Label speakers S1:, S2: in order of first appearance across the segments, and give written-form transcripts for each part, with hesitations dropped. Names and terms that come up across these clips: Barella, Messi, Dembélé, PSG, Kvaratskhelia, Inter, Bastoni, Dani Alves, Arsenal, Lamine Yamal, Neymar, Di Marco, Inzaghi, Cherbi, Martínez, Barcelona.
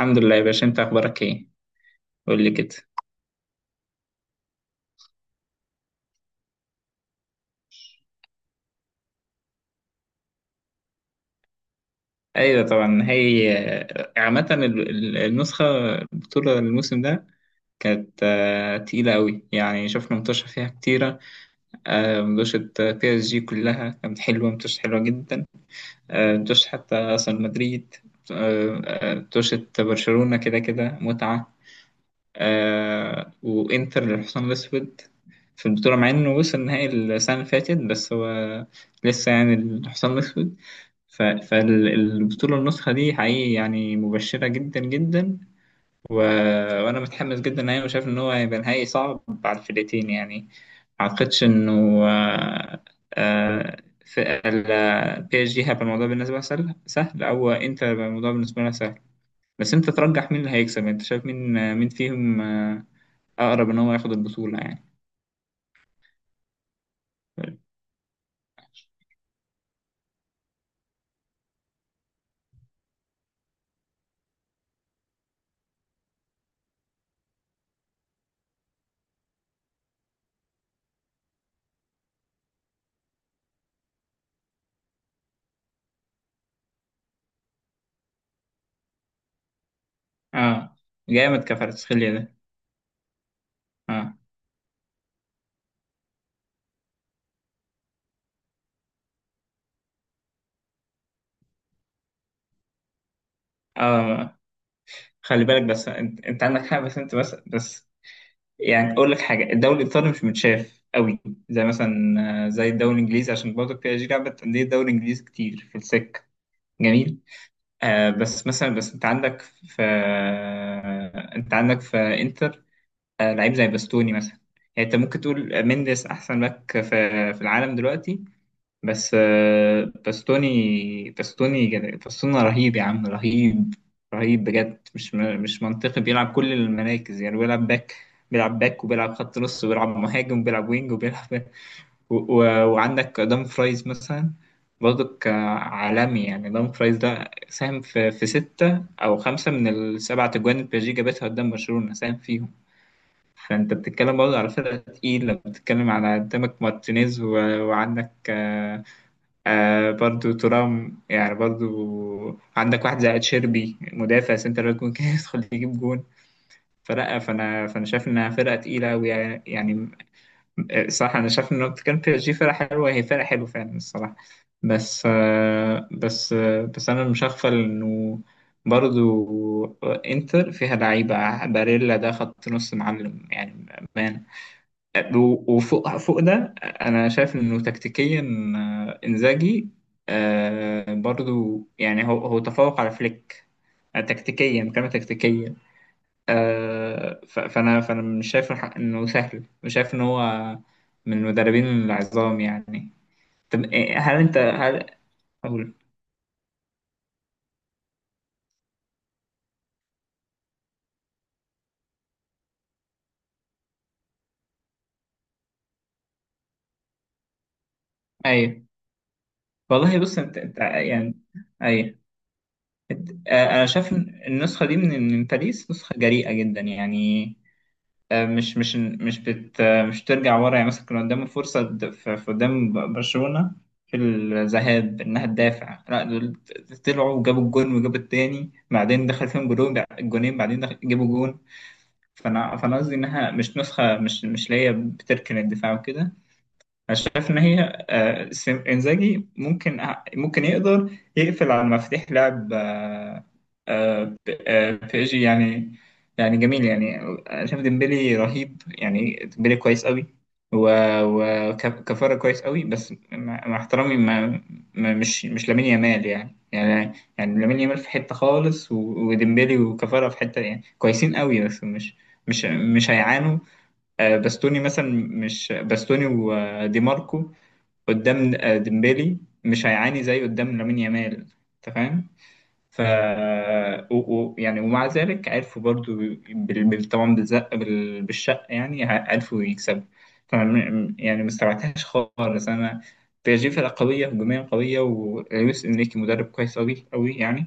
S1: الحمد لله يا باشا، انت اخبارك ايه؟ قول لي كده. ايوه طبعا هي، عامه النسخه، البطوله الموسم ده كانت تقيله قوي، يعني شفنا متوشه فيها كتيره. متوشه بي اس جي كلها كانت حلوه، متوشه حلوه جدا. متوشه حتى اصلا مدريد. متوشه برشلونه، كده كده متعه. وانتر للحصان الاسود في البطوله، مع انه وصل نهائي السنه اللي فاتت، بس هو لسه يعني الحصان الاسود. فالبطولة النسخة دي حقيقي يعني مبشرة جدا جدا. و... وأنا متحمس جدا نهائي، وشايف إن هو هيبقى نهائي صعب على الفرقتين يعني. ما أعتقدش إنه آه، بي اس جي هيبقى الموضوع بالنسبة لها سهل سهل، أو أنت هيبقى الموضوع بالنسبة لها سهل. بس أنت ترجح مين اللي هيكسب؟ أنت شايف مين فيهم أقرب إن هو ياخد البطولة يعني؟ آه. جامد كفاراتسخيليا ده. آه، آه. خلي بالك، بس انت عندك حق، بس أنت بس. يعني اقول لك حاجه، الدوري الايطالي مش متشاف قوي زي مثلا زي الدوري الانجليزي، عشان برضه بي اس جي لعبت انديه الدوري الانجليزي كتير في السكه. جميل. بس مثلا، بس انت عندك في آه انت عندك في انتر لعيب زي باستوني مثلا. يعني انت ممكن تقول مينديس احسن باك في العالم دلوقتي، بس باستوني رهيب يا عم، رهيب. رهيب بجد، مش منطقي، بيلعب كل المراكز. يعني بيلعب باك، بيلعب باك، وبيلعب خط نص، وبيلعب مهاجم، وبيلعب وينج، وبيلعب و... و... وعندك دام فرايز مثلا، برضه عالمي يعني. دام فرايز ده ساهم في ستة أو خمسة من السبعة تجوان اللي بيجي جابتها قدام برشلونة، ساهم فيهم. فأنت بتتكلم برضه على فرقة تقيلة، بتتكلم على قدامك مارتينيز، وعندك برضو ترام، يعني برضو. عندك واحد زي تشيربي، مدافع سنتر باك، ممكن يدخل يجيب جون. فلا، فانا شايف انها فرقه تقيله أوي، صح، انا شايف ان لو كان بي اس جي فرقه حلوه، هي فرقه حلوه فعلا الصراحه. بس انا مش هغفل انه برضو انتر فيها لعيبه. باريلا ده خط نص معلم يعني، بأمانة. وفوق فوق ده انا شايف انه تكتيكيا انزاجي برضو، يعني هو تفوق على فليك تكتيكيا، كما تكتيكيا. فانا مش شايف الحق انه سهل، مش شايف ان هو من المدربين العظام يعني. طب هل انت اقول. ايوه. والله بص، انت يعني. ايوه. انا شايف إن النسخه دي من باريس نسخه جريئه جدا يعني. مش ترجع ورا، يعني مثلا كان قدامه فرصة في قدام برشلونة في الذهاب إنها تدافع. لا دول طلعوا وجابوا الجون وجابوا التاني، بعدين دخل فيهم جونين، بعدين دخل جابوا جون. فأنا قصدي إنها مش نسخة، مش اللي هي بتركن الدفاع وكده. انا شايف ان هي انزاجي ممكن، يقدر يقفل على مفاتيح لعب آه، ب- بي اس جي يعني. يعني جميل، يعني انا شايف ديمبلي رهيب، يعني ديمبلي كويس قوي، وكفارة كويس قوي، بس مع احترامي، مش لامين يامال يعني. لامين يامال في حتة خالص، وديمبلي وكفارة في حتة يعني كويسين قوي، بس مش هيعانوا باستوني مثلا. مش باستوني ودي ماركو قدام ديمبلي مش هيعاني زي قدام لامين يامال، انت فاهم. ف يعني ومع ذلك عرفوا برضو طبعا بالزق، بالشق، يعني عرفوا يكسبوا. فانا يعني ما استبعدتهاش خالص انا. بي اس جي فرقه قويه، هجوميه قويه، ولويس انريكي مدرب كويس قوي قوي يعني،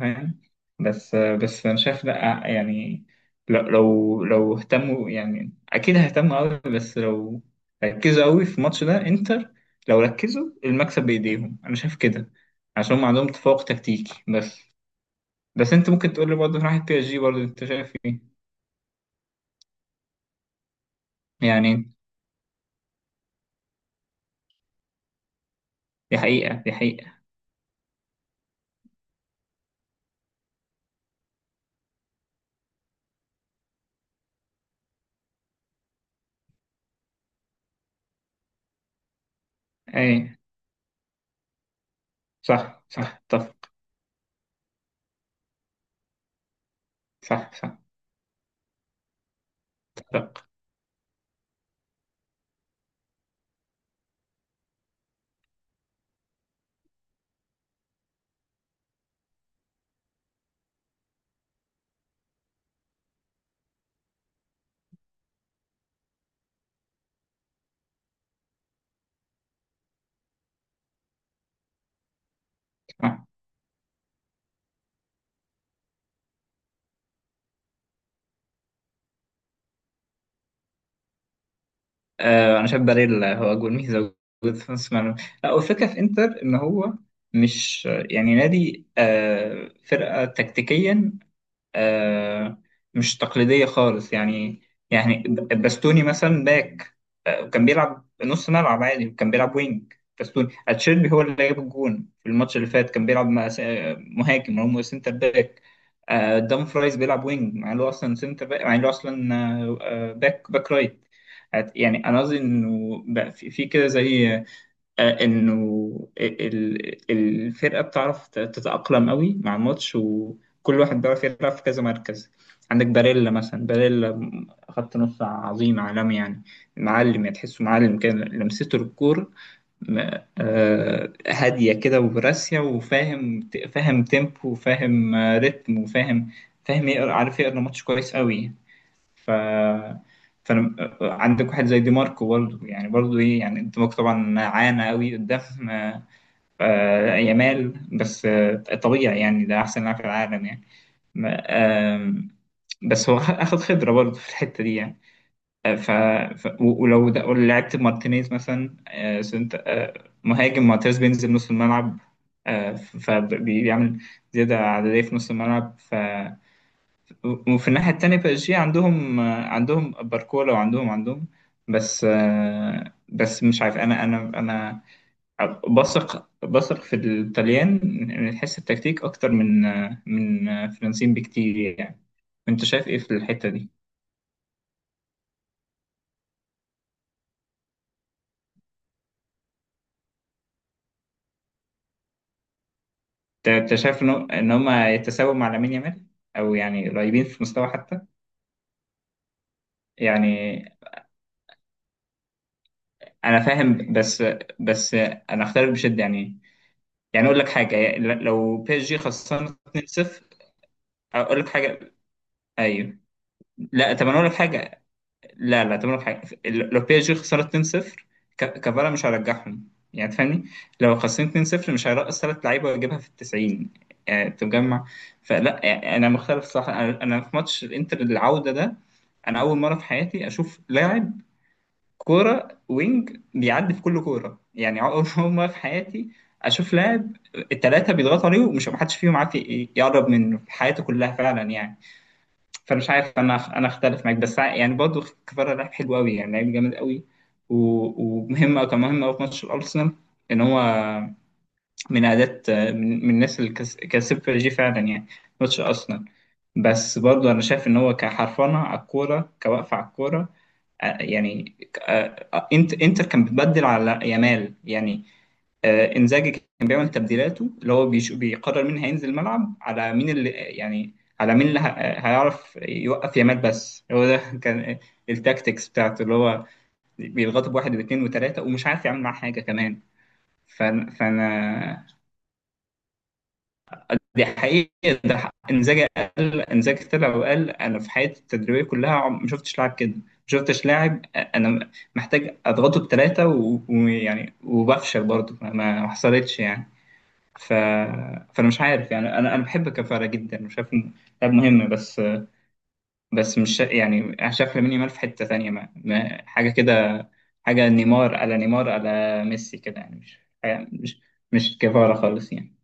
S1: فاهم. بس انا شايف لا، يعني لو اهتموا، يعني اكيد هيهتموا قوي، بس لو ركزوا قوي في الماتش ده انتر، لو ركزوا المكسب بايديهم، انا شايف كده، عشان هم عندهم تفوق تكتيكي بس. بس انت ممكن تقول لي برضه في ناحية بي اس جي برضه، انت شايف ايه؟ يعني دي حقيقة، دي حقيقة. ايه. صح، صح، اتفق. صح، صح، اتفق. انا شايف باريلا هو اجمل ميزه وجود في نص الملعب. لا، والفكره في انتر ان هو مش يعني نادي، فرقه تكتيكيا آه، مش تقليدية خالص، يعني يعني باستوني مثلا باك، وكان بيلعب نص ملعب عادي، وكان بيلعب وينج. باستوني اتشيربي هو اللي جاب الجون في الماتش اللي فات، كان بيلعب مهاجم، هو سنتر باك. دام فرايز بيلعب وينج، مع انه اصلا سنتر باك، مع انه اصلا باك رايت. يعني انا قصدي انه بقى في كده زي انه الفرقه بتعرف تتاقلم قوي مع الماتش، وكل واحد بيعرف يلعب في كذا مركز. عندك باريلا مثلا، خط نص عظيم، عالمي يعني، معلم يعني، تحسه معلم كده. لمسته للكوره م- هاديه كده، وبراسيه، فاهم تيمبو، وفاهم ريتم، وفاهم. فاهم يقرا، عارف يقرا ماتش كويس قوي. ف فانا، عندك واحد زي دي ماركو برضه، يعني برضه ايه، يعني انت ماركو طبعا عانى قوي قدام يامال، بس طبيعي يعني، ده احسن لاعب في العالم يعني. ما- آم، بس هو اخذ خبره برضه في الحته دي يعني. آه، ف... ولو لعبت مارتينيز مثلا آه، سنت... آه، مهاجم، مارتينيز بينزل نص الملعب، فبيعمل زياده عدديه في نص الملعب. وفي الناحية التانية بي اس جي عندهم باركولا، وعندهم بس. بس مش عارف، انا بثق في الطليان من حيث التكتيك اكتر من فرنسيين بكتير يعني. انت شايف ايه في الحتة دي؟ انت شايف ان هم يتساووا مع لامين يامال، او يعني قريبين في مستوى حتى؟ يعني انا فاهم، بس انا اختلف بشدة يعني. يعني اقول لك حاجة، لو بي اس جي خسرنا 2-0. اقول لك حاجه. ايوه. لا، طب انا اقول لك حاجه. لا، لا، طب اقول لك حاجه، لو بي اس جي خسرت 2-0، كفارا مش هرجعهم، يعني تفهمني. لو خسرت 2-0 مش هيرقص ثلاث لعيبه ويجيبها في ال 90، يعني تجمع. فلا، يعني انا مختلف، صح. انا في ماتش الانتر العوده ده، انا اول مره في حياتي اشوف لاعب كوره وينج بيعدي في كل كوره، يعني اول أول مره في حياتي اشوف لاعب الثلاثه بيضغطوا عليه ومش محدش فيهم عارف يقرب منه في حياته كلها فعلا يعني. فمش عارف، انا اختلف معاك، بس يعني برضه كفاره لعب حلو قوي يعني، لعيب جامد قوي. ومهم، كان مهم قوي في ماتش الارسنال، ان هو من اداه، من الناس اللي كسبت جي فعلا يعني، ماتش ارسنال. بس برضه انا شايف ان هو كحرفنه على الكوره، كوقفه على الكوره يعني، انت انتر كان بتبدل على يامال يعني، انزاجي كان بيعمل تبديلاته، اللي هو بيقرر مين هينزل الملعب على مين، اللي يعني على مين اللي هيعرف يوقف يامال. بس هو ده كان التاكتكس بتاعته، اللي هو بيضغطه بواحد واثنين وثلاثة، ومش عارف يعمل معاه حاجة كمان. فأنا. دي حقيقة. انزاجي قال، انزاجي طلع وقال أنا في حياتي التدريبية كلها ما شفتش لاعب كده، ما شفتش لاعب أنا محتاج أضغطه بثلاثة، ويعني وبفشل برضه، ما حصلتش يعني. ف... فانا مش عارف، يعني انا بحب كفاره جدا وشايف إنه لاعب مهم، بس بس مش شا- يعني انا شايف لامين يامال في حته ثانيه، ما... ما... حاجه كده، حاجه نيمار، على نيمار، على ميسي كده، يعني حاجة- مش مش كفاره خالص يعني.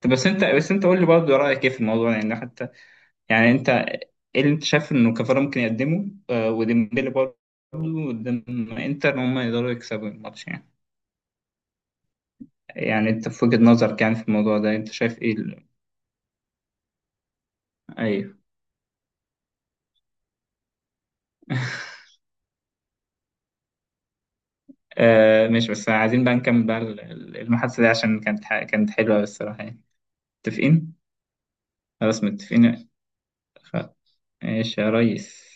S1: طب بس انت قول لي برضه، رايك ايه في الموضوع يعني حتى، يعني انت ايه اللي انت شايف انه كفاره ممكن يقدمه وديمبلي برضه قدام انتر، ان هم يقدروا يكسبوا الماتش يعني؟ يعني انت في وجهة نظرك، يعني في الموضوع ده انت شايف ايه ايوه. مش بس عايزين بقى نكمل بقى المحادثة دي، عشان كانت حلوة الصراحة يعني. متفقين؟ خلاص متفقين. خ- ماشي يا ريس.